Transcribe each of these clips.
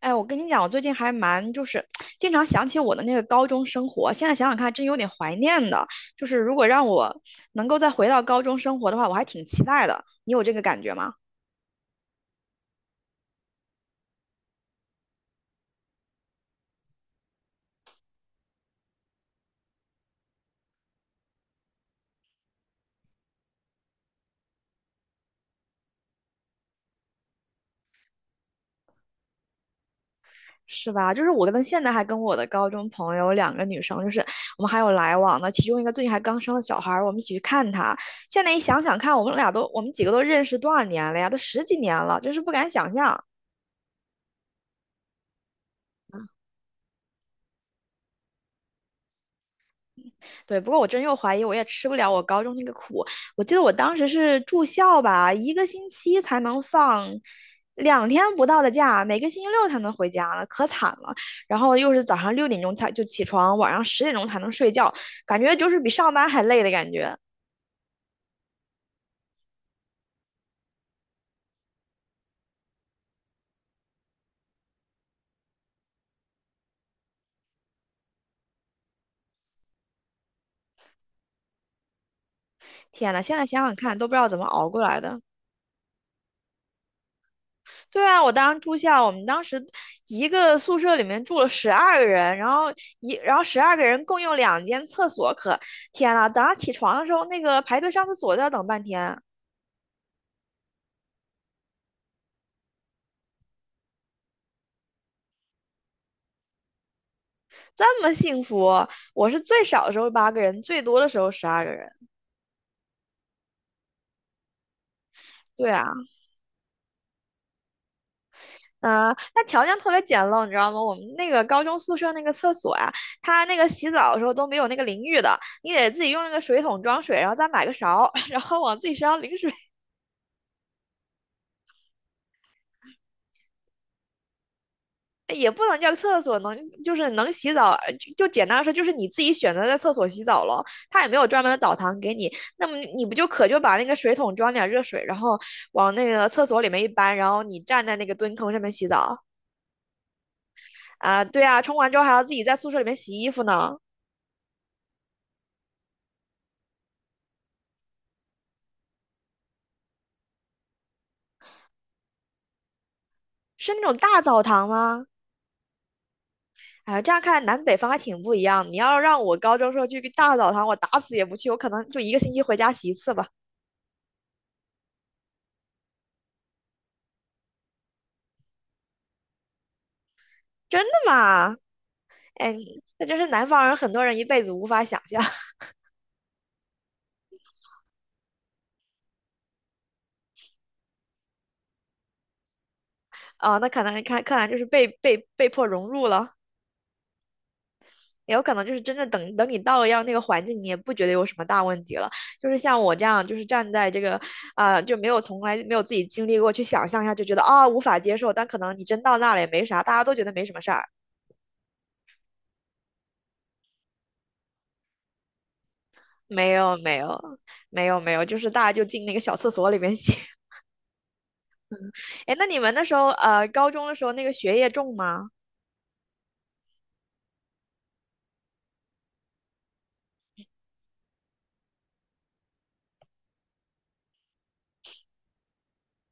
哎，我跟你讲，我最近还蛮就是经常想起我的那个高中生活，现在想想看，真有点怀念的。就是如果让我能够再回到高中生活的话，我还挺期待的。你有这个感觉吗？是吧？就是我跟现在还跟我的高中朋友2个女生，就是我们还有来往的，其中一个最近还刚生了小孩儿，我们一起去看她。现在一想想看，我们几个都认识多少年了呀？都10几年了，真是不敢想象。对，不过我真又怀疑，我也吃不了我高中那个苦。我记得我当时是住校吧，一个星期才能放2天不到的假，每个星期六才能回家，可惨了。然后又是早上6点钟才就起床，晚上10点钟才能睡觉，感觉就是比上班还累的感觉。天呐，现在想想看，都不知道怎么熬过来的。对啊，我当时住校，我们当时一个宿舍里面住了十二个人，然后然后十二个人共用2间厕所可，天呐，早上起床的时候，那个排队上厕所都要等半天，这么幸福。我是最少的时候8个人，最多的时候十二个人。对啊，嗯、那条件特别简陋，你知道吗？我们那个高中宿舍那个厕所呀、它那个洗澡的时候都没有那个淋浴的，你得自己用那个水桶装水，然后再买个勺，然后往自己身上淋水。也不能叫厕所，能就是能洗澡，就简单说，就是你自己选择在厕所洗澡了，他也没有专门的澡堂给你，那么你不就把那个水桶装点热水，然后往那个厕所里面一搬，然后你站在那个蹲坑上面洗澡啊？对啊，冲完之后还要自己在宿舍里面洗衣服呢，是那种大澡堂吗？哎，这样看来南北方还挺不一样。你要让我高中时候去个大澡堂，我打死也不去，我可能就一个星期回家洗一次吧。真的吗？哎，那真是南方人很多人一辈子无法想象。啊，那可能看来就是被迫融入了，也有可能就是真正等你到了要那个环境，你也不觉得有什么大问题了。就是像我这样，就是站在这个啊、就没有从来没有自己经历过，去想象一下就觉得啊、无法接受，但可能你真到那了也没啥，大家都觉得没什么事儿。没有没有没有没有，就是大家就进那个小厕所里面写。哎，那你们那时候高中的时候那个学业重吗？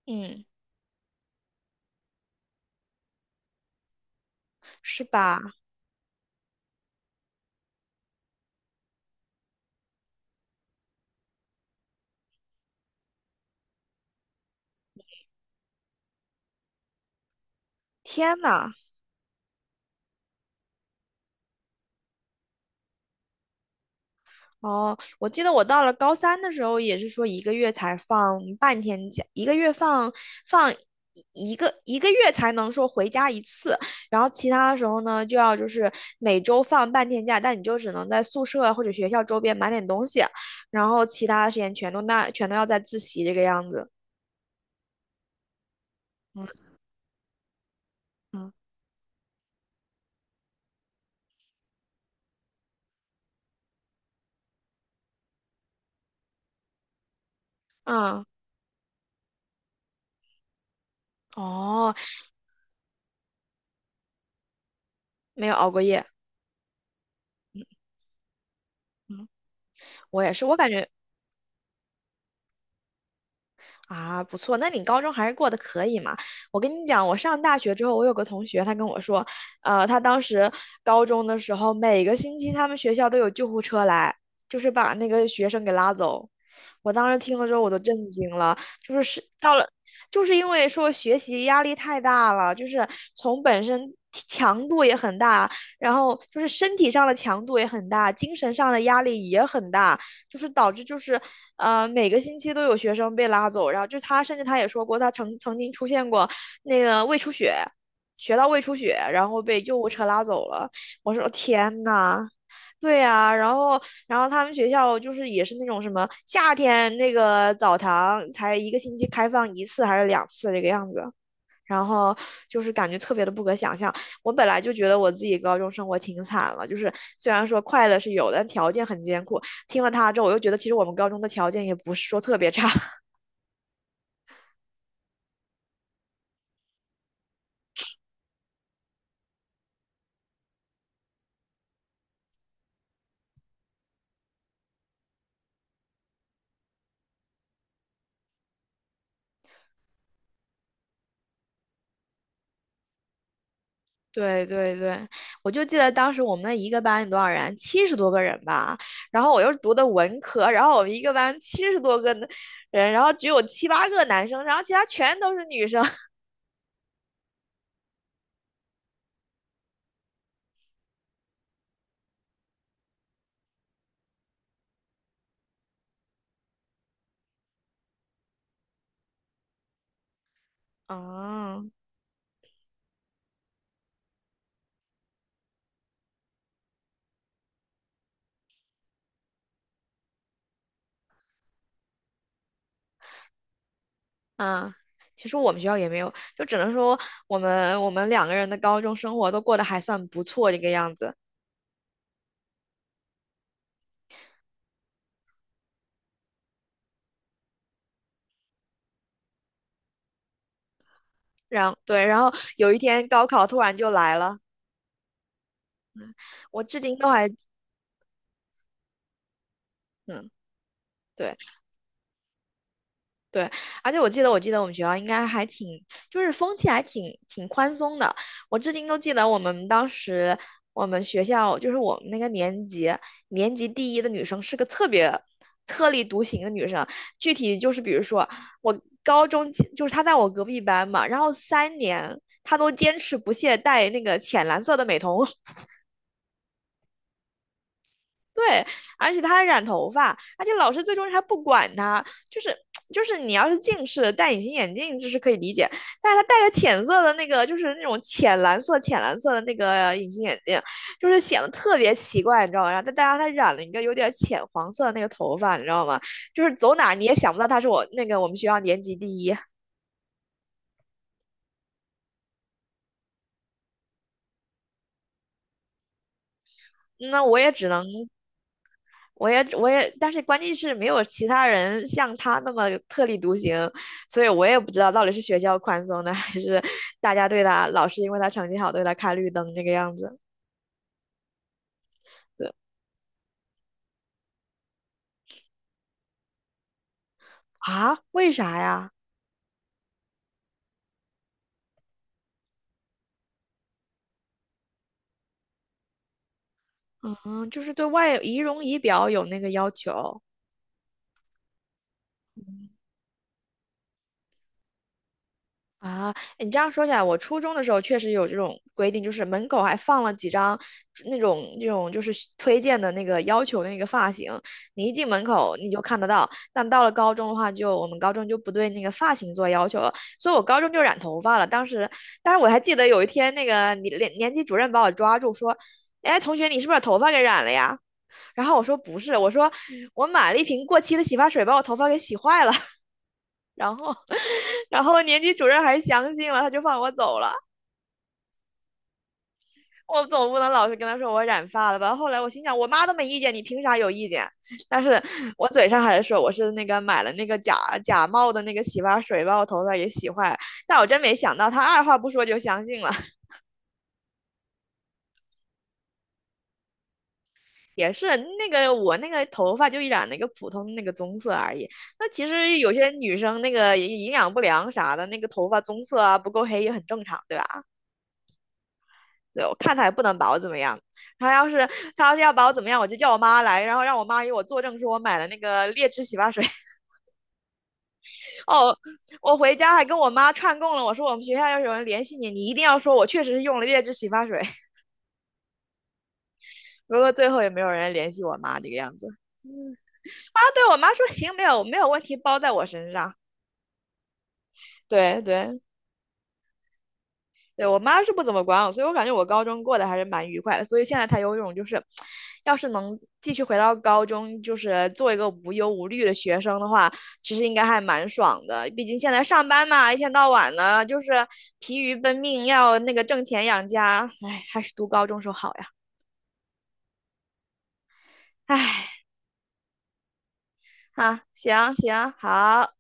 嗯，是吧？天呐！哦，我记得我到了高三的时候，也是说一个月才放半天假，一个月放一个月才能说回家一次，然后其他的时候呢，就是每周放半天假，但你就只能在宿舍或者学校周边买点东西，然后其他的时间全都要在自习这个样子。嗯嗯嗯，哦，没有熬过夜。嗯，我也是，我感觉啊，不错，那你高中还是过得可以嘛？我跟你讲，我上大学之后，我有个同学，他跟我说，他当时高中的时候，每个星期他们学校都有救护车来，就是把那个学生给拉走。我当时听了之后，我都震惊了，就是是到了，就是因为说学习压力太大了，就是从本身强度也很大，然后就是身体上的强度也很大，精神上的压力也很大。就是导致就是每个星期都有学生被拉走，然后就他甚至也说过，他曾经出现过那个胃出血，学到胃出血，然后被救护车拉走了。我说天呐！对呀、然后，然后他们学校就是也是那种什么夏天那个澡堂才一个星期开放一次还是两次这个样子，然后就是感觉特别的不可想象。我本来就觉得我自己高中生活挺惨了，就是虽然说快乐是有的，但条件很艰苦。听了他之后，我又觉得其实我们高中的条件也不是说特别差。对对对，我就记得当时我们那一个班有多少人，七十多个人吧。然后我又读的文科，然后我们一个班七十多个人，然后只有七八个男生，然后其他全都是女生。啊。啊，其实我们学校也没有，就只能说我们两个人的高中生活都过得还算不错这个样子。然对，然后有一天高考突然就来了，我至今都还嗯。对。对，而且我记得，我记得我们学校应该还挺，就是风气还挺宽松的。我至今都记得我们当时，我们学校就是我们那个年级，年级第一的女生是个特别特立独行的女生。具体就是，比如说我高中就是她在我隔壁班嘛，然后3年她都坚持不懈戴那个浅蓝色的美瞳。对，而且他还染头发，而且老师最终还不管他，就是就是你要是近视戴隐形眼镜这是可以理解，但是他戴个浅色的那个就是那种浅蓝色的那个隐形眼镜，就是显得特别奇怪，你知道吗？然后再加上他染了一个有点浅黄色的那个头发，你知道吗？就是走哪儿你也想不到他是我那个我们学校年级第一，那我也只能我也，但是关键是没有其他人像他那么特立独行，所以我也不知道到底是学校宽松的，还是大家对他老师因为他成绩好对他开绿灯这个样子。对啊，为啥呀？嗯，就是对外仪容仪表有那个要求。啊，你这样说起来，我初中的时候确实有这种规定，就是门口还放了几张那种就是推荐的那个要求的那个发型，你一进门口你就看得到。但到了高中的话就，我们高中就不对那个发型做要求了，所以我高中就染头发了。当时，但是我还记得有一天那个年级主任把我抓住说：“哎，同学，你是不是把头发给染了呀？”然后我说：“不是，我说我买了一瓶过期的洗发水，把我头发给洗坏了。”然后。然后年级主任还相信了，他就放我走了。我总不能老是跟他说我染发了吧？后来我心想，我妈都没意见，你凭啥有意见？但是我嘴上还是说我是那个买了那个假冒的那个洗发水，把我头发也洗坏了。但我真没想到，他二话不说就相信了。也是那个我那个头发就染了一个普通的那个棕色而已。那其实有些女生那个营养不良啥的，那个头发棕色啊不够黑也很正常，对吧？对我看他也不能把我怎么样。他要是他要是要把我怎么样，我就叫我妈来，然后让我妈给我作证，说我买了那个劣质洗发水。哦，我回家还跟我妈串供了，我说我们学校要是有人联系你，你一定要说我确实是用了劣质洗发水。不过最后也没有人联系我妈这个样子。啊，对我妈说行，没有问题，包在我身上。对对，对我妈是不怎么管我，所以我感觉我高中过得还是蛮愉快的。所以现在她有一种就是，要是能继续回到高中，就是做一个无忧无虑的学生的话，其实应该还蛮爽的。毕竟现在上班嘛，一天到晚的，就是疲于奔命，要那个挣钱养家。唉，还是读高中时候好呀。唉，啊，行行好。